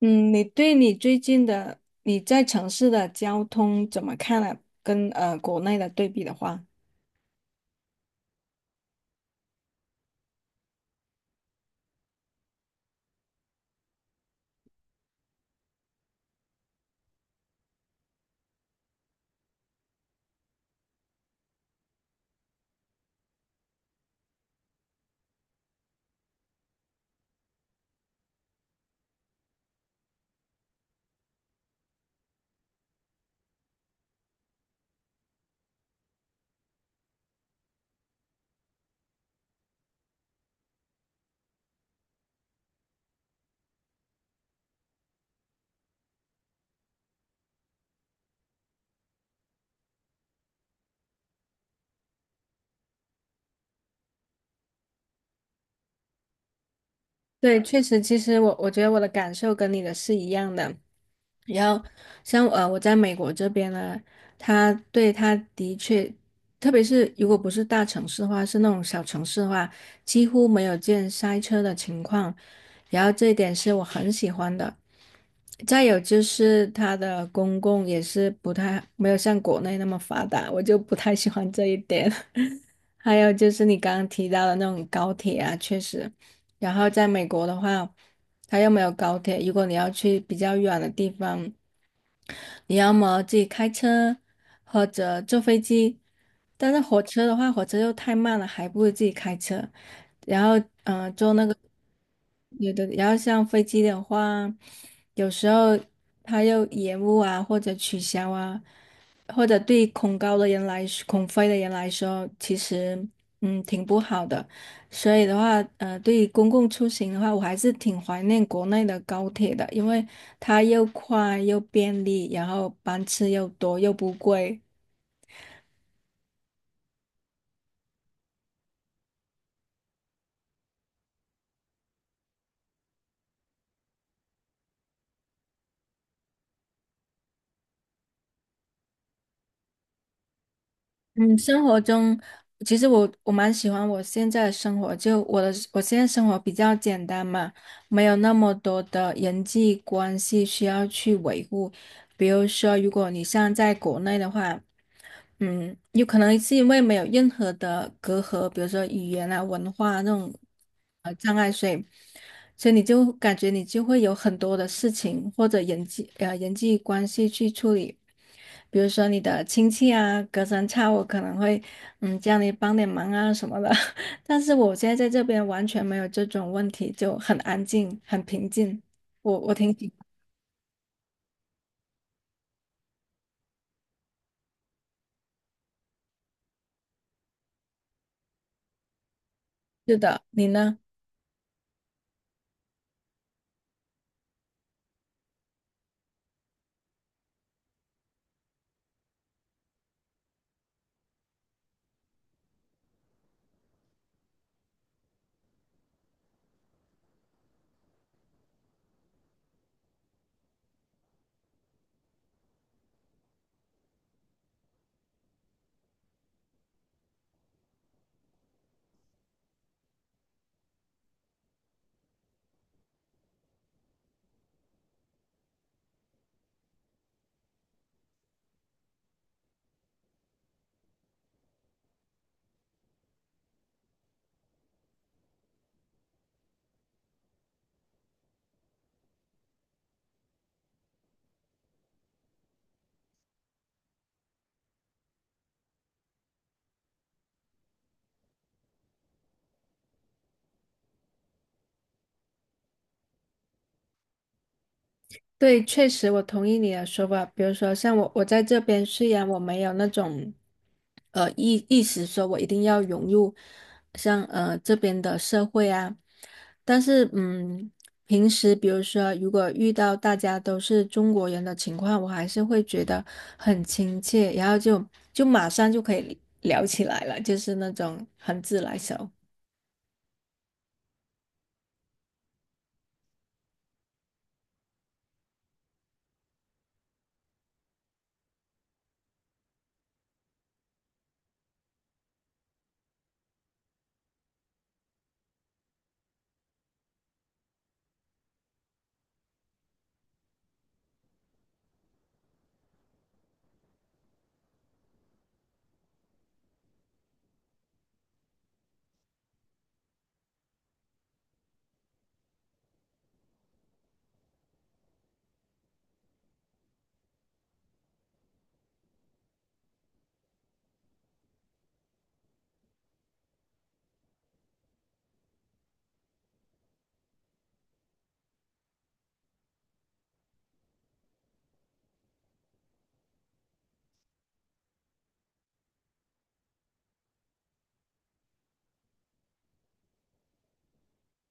嗯，你对你最近的你在城市的交通怎么看呢？跟国内的对比的话，对，确实，其实我觉得我的感受跟你的是一样的。然后像我在美国这边呢，他对他的确，特别是如果不是大城市的话，是那种小城市的话，几乎没有见塞车的情况。然后这一点是我很喜欢的。再有就是它的公共也是不太，没有像国内那么发达，我就不太喜欢这一点。还有就是你刚刚提到的那种高铁啊，确实，然后在美国的话，它又没有高铁，如果你要去比较远的地方，你要么自己开车或者坐飞机，但是火车的话，火车又太慢了，还不如自己开车。然后有的，然后像飞机的话，有时候它又延误啊，或者取消啊，或者对恐高的人来说，恐飞的人来说，其实嗯挺不好的。所以的话，对于公共出行的话，我还是挺怀念国内的高铁的，因为它又快又便利，然后班次又多又不贵。嗯，生活中其实我蛮喜欢我现在的生活，就我现在生活比较简单嘛，没有那么多的人际关系需要去维护。比如说，如果你像在国内的话，嗯，有可能是因为没有任何的隔阂，比如说语言啊、文化啊那种障碍，所以你就感觉你就会有很多的事情或者人际关系去处理，比如说你的亲戚啊，隔三差五可能会嗯叫你帮点忙啊什么的，但是我现在在这边完全没有这种问题，就很安静、很平静，我挺喜欢。是的，你呢？对，确实我同意你的说法。比如说，像我，我在这边虽然我没有那种，呃，意识说我一定要融入像这边的社会啊，但是嗯，平时比如说如果遇到大家都是中国人的情况，我还是会觉得很亲切，就马上就可以聊起来了，就是那种很自来熟。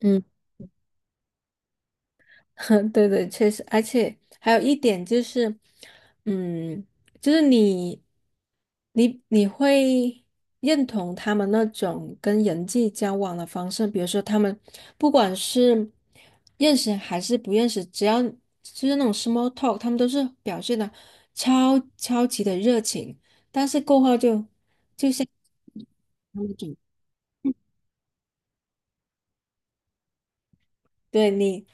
嗯。对对，确实，而且还有一点就是，嗯，就是你，你会认同他们那种跟人际交往的方式，比如说他们不管是认识还是不认识，只要就是那种 small talk，他们都是表现的超级的热情，但是过后就对你，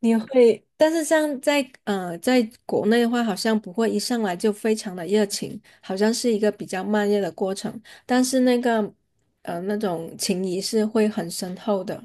你会，但是像在在国内的话，好像不会一上来就非常的热情，好像是一个比较慢热的过程。但是那个那种情谊是会很深厚的。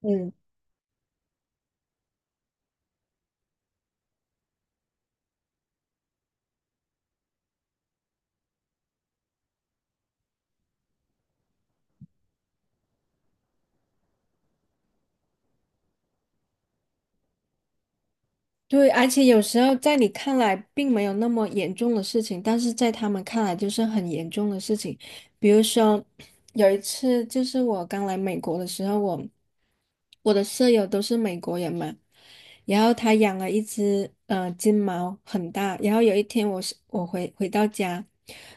嗯，对，而且有时候在你看来并没有那么严重的事情，但是在他们看来就是很严重的事情。比如说，有一次就是我刚来美国的时候，我的舍友都是美国人嘛，然后他养了一只金毛，很大。然后有一天我回到家，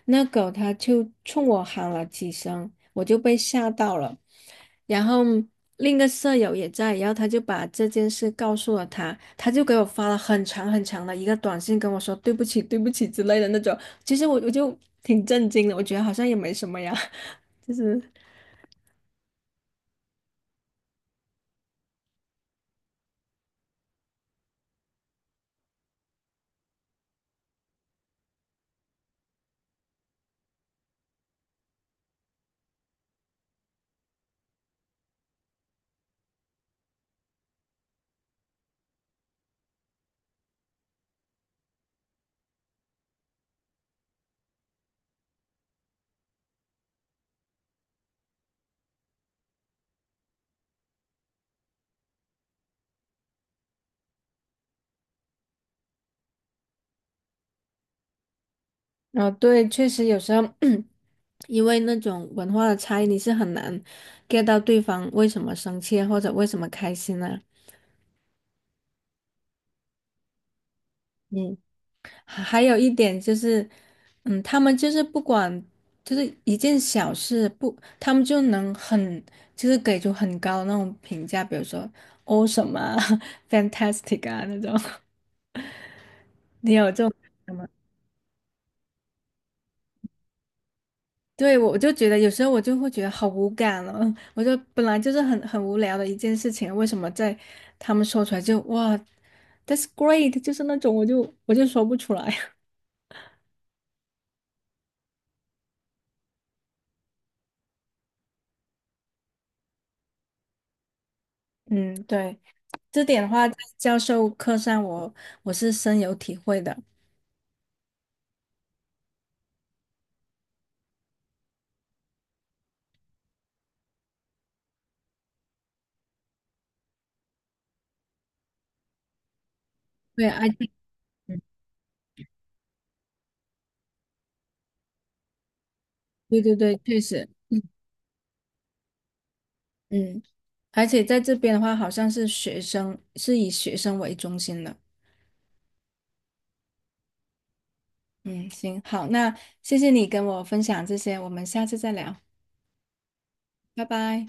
那狗它就冲我喊了几声，我就被吓到了。然后另一个舍友也在，然后他就把这件事告诉了他，他就给我发了很长很长的一个短信，跟我说对不起对不起之类的那种。其实我就挺震惊的，我觉得好像也没什么呀，就是。啊，对，确实有时候 因为那种文化的差异，你是很难 get 到对方为什么生气或者为什么开心呢？嗯，还有一点就是，嗯，他们就是不管就是一件小事不，他们就能很就是给出很高的那种评价，比如说 awesome 啊 fantastic 啊那种。你有这种？吗？对，我就觉得有时候我就会觉得好无感了，我就本来就是很无聊的一件事情，为什么在他们说出来就哇，that's great，就是那种我就说不出来。嗯，对，这点的话，在教授课上我是深有体会的。对，I T，嗯对对对，确实，嗯，而且在这边的话，好像是学生是以学生为中心的。嗯，行，好，那谢谢你跟我分享这些，我们下次再聊，拜拜。